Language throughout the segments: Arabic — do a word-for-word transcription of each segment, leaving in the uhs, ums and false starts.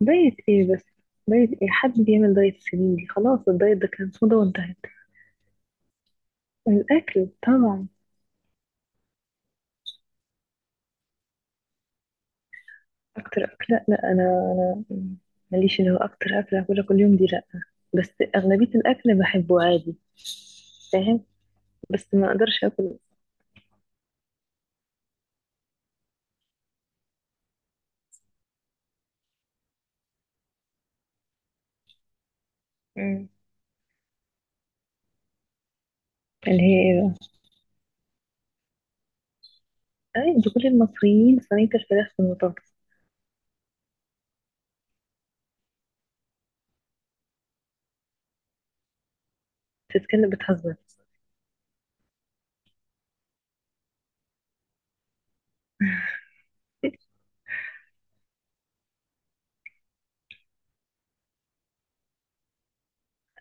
دايت ايه بس؟ دايت ايه؟ حد بيعمل دايت السنين دي؟ خلاص الدايت ده كان صودا وانتهت. الاكل طبعا. اكتر اكله؟ لا، انا انا ماليش اللي هو اكتر اكله هاكلها كل يوم دي، لا. بس اغلبيه الاكل بحبه عادي. فاهم؟ بس ما اقدرش اكل. مم. اللي هي ايه بقى؟ اي دي كل المصريين صينيه الفراخ بالبطاطس. بتتكلم؟ بتهزر؟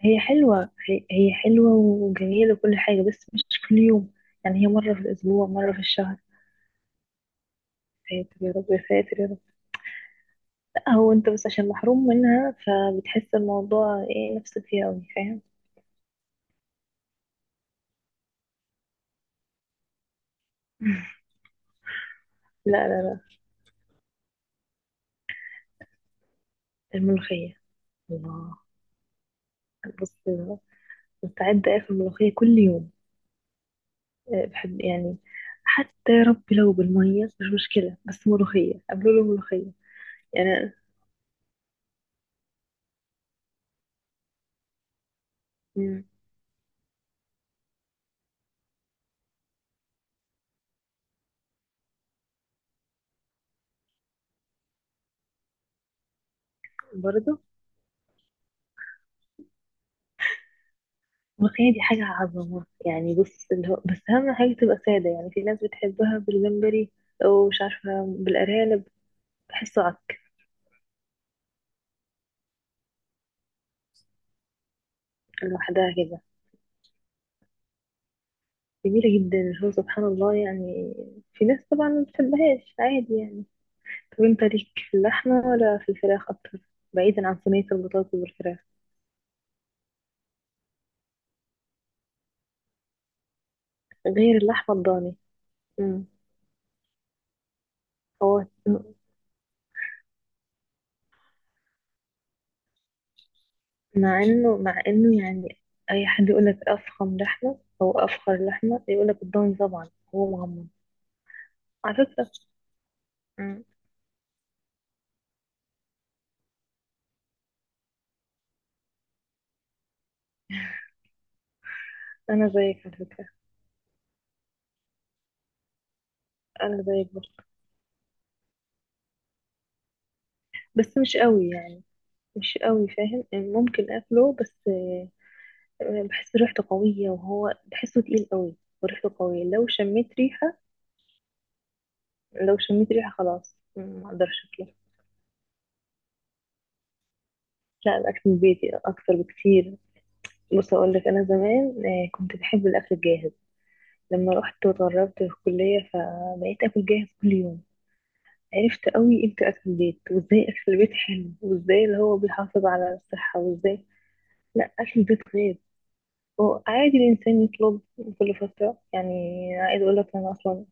هي حلوه، هي, هي حلوه وجميله وكل حاجه، بس مش كل يوم. يعني هي مره في الاسبوع، مره في الشهر. يا ساتر يا رب، يا ساتر يا رب. هو انت بس عشان محروم منها فبتحس الموضوع ايه، نفسك فيه قوي، فاهم؟ لا لا لا، الملوخية! الله! بص، مستعدة اكل ملوخية كل يوم. أه، بحب يعني. حتى يا رب لو بالمية، مش مشكلة، بس ملوخية قبله له ملوخية. يعني. مم. برضه الملوخية دي حاجة عظمة، يعني بص اللي هو بس أهم حاجة تبقى سادة. يعني في ناس بتحبها بالجمبري أو مش عارفة بالأرانب. بحسه عك. لوحدها كده جميلة جدا، هو سبحان الله يعني. في ناس طبعا ما بتحبهاش، عادي يعني. طب انت ليك في اللحمة ولا في الفراخ أكتر؟ بعيدا عن صينية البطاطس والفراخ. غير اللحمة الضاني. مم. هو مع انه مع انه يعني أي حد يقولك أفخم لحمة أو أفخر لحمة يقولك الضاني، طبعا هو مغمض، على فكرة. مم. أنا زيك على فكرة. أنا زيك برضه، بس مش قوي يعني. مش قوي، فاهم؟ يعني ممكن أكله، بس بحس ريحته قوية وهو بحسه تقيل قوي، وريحته قوية. لو شميت ريحة لو شميت ريحة خلاص ما اقدرش اكله. لا، الاكل البيتي اكتر بكتير. بص اقول لك، انا زمان آه، كنت بحب الاكل الجاهز. لما رحت واتغربت في الكلية، فبقيت اكل جاهز كل يوم. عرفت قوي امتى اكل البيت، وازاي اكل البيت حلو، وازاي اللي هو بيحافظ على الصحة، وازاي. لا، اكل البيت غير. هو عادي الانسان يطلب كل فترة يعني. عايز اقول لك انا اصلا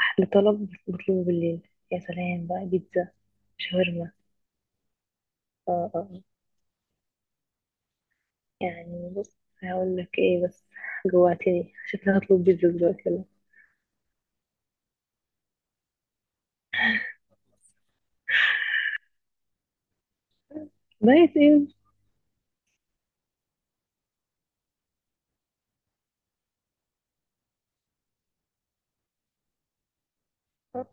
أحلى طلب بطلبه بالليل. يا سلام بقى، بيتزا، شاورما. اه اه آه. يعني بص، هقول لك ايه بس، جوعتني، شكلي هطلب بيتزا دلوقتي يلا. بقيت ايه؟ طب,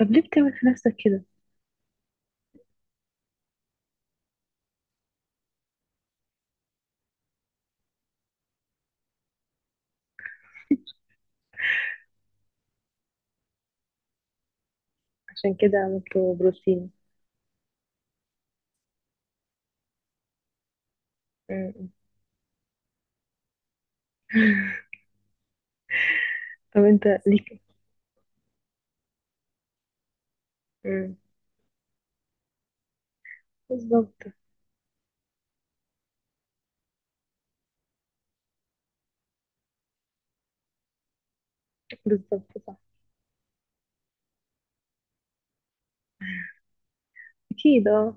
طب ليه بتعمل في نفسك كده؟ عشان كده عملته بروتين؟ م- م. طب انت ليك. م. بالظبط. بالظبط صح. اكيد اه.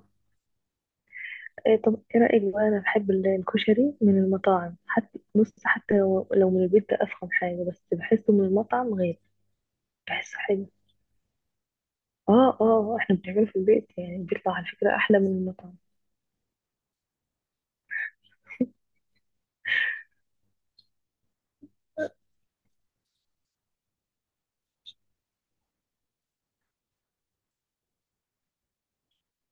إيه؟ طب ايه رأيك بقى؟ انا بحب ال- الكشري من المطاعم، حتى بص، حتى لو لو من البيت ده افخم حاجة، بس بحسه من المطعم غير. بحسه حلو. اه اه آه، احنا بنعمله في البيت، يعني بيطلع على فكرة احلى من المطعم.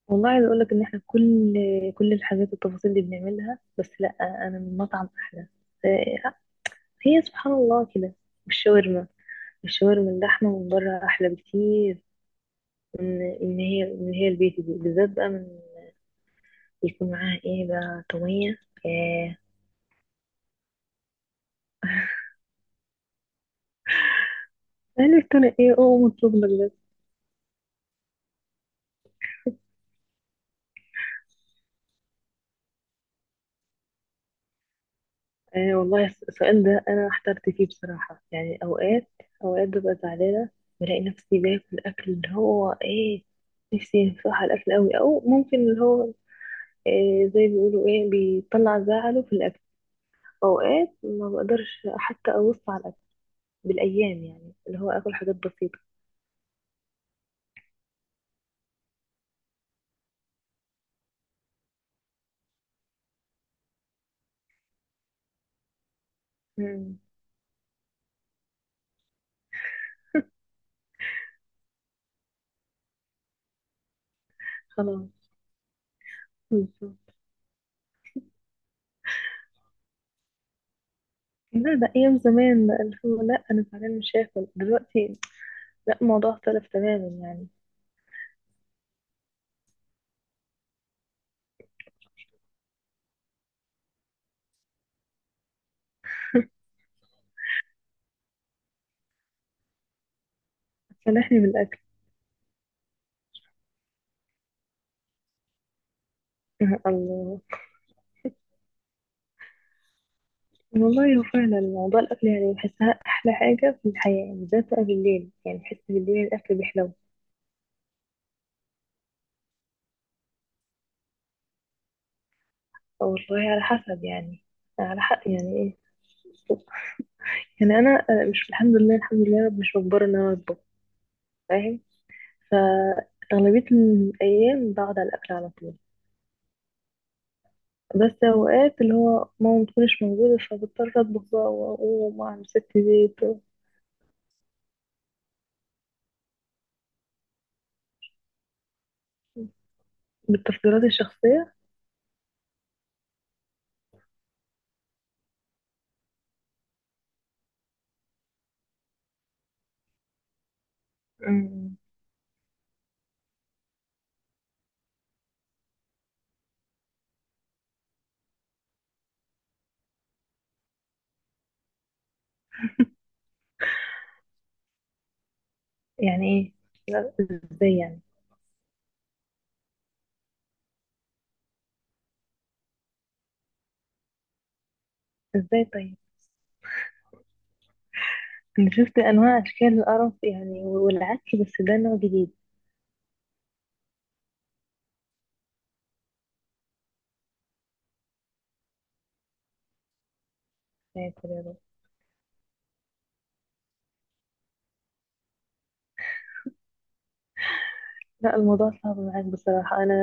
والله عايزة اقولك ان احنا كل كل الحاجات والتفاصيل دي بنعملها، بس لا، انا من المطعم احلى. آه، هي سبحان الله كده. والشاورما، الشاورما اللحمة من بره احلى بكتير من ان هي، من هي البيت دي بالذات بقى، من يكون معاها ايه بقى؟ طومية. ايه. قالك انا ايه؟ اوه، مطلوب لك. آه والله، الس- السؤال ده أنا احترت فيه بصراحة. يعني أوقات أوقات ببقى زعلانة، بلاقي نفسي باكل أكل اللي هو إيه، نفسي بصراحة الأكل أوي، أو ممكن اللي هو إيه، زي ما بيقولوا إيه، بيطلع زعله في الأكل. أوقات ما بقدرش حتى أبص على الأكل بالأيام، يعني اللي هو آكل حاجات بسيطة. مم. خلاص. بالظبط. لا ده أيام زمان بقى، اللي هو لا أنا زعلان مش هاكل دلوقتي، لا، الموضوع اختلف تماما يعني. سامحني بالأكل. الله والله هو فعلا موضوع الأكل يعني بحسها أحلى حاجة في الحياة، يعني بالذات بقى بالليل، يعني بحس بالليل الأكل بيحلو. والله على حسب يعني. على حق يعني إيه. يعني أنا آه، مش، الحمد لله الحمد لله يا رب، مش مجبرة إن أنا أطبخ. فاهم؟ فأغلبية الأيام بقعد على الأكل على طول. بس أوقات اللي هو ماما متكونش موجودة فبضطر أطبخ بقى وأقوم وأعمل ست زيت. بالتفضيلات الشخصية. أمم، يعني إيه؟ لا، إزاي يعني؟ إزاي طيب؟ أنا شفت أنواع أشكال القرف يعني والعك، بس ده نوع جديد. يعني تقريباً. لا الموضوع صعب معاك بصراحة. أنا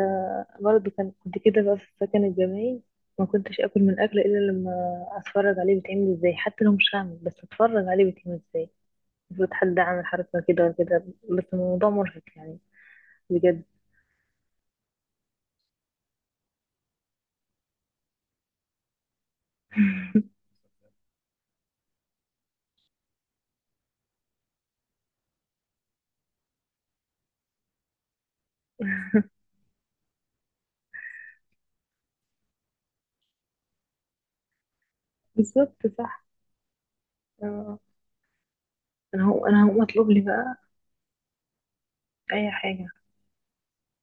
برضه كان كنت كده بقى في السكن الجامعي، ما كنتش أكل من أكل إلا لما أتفرج عليه بيتعمل إزاي، حتى لو مش هعمل، بس أتفرج عليه بيتعمل إزاي. المفروض حد عامل حركة كده ولا كده، بس الموضوع مرهق يعني، بجد. بالظبط صح. آه. أنا هو أنا هقوم أطلب لي بقى أي حاجة.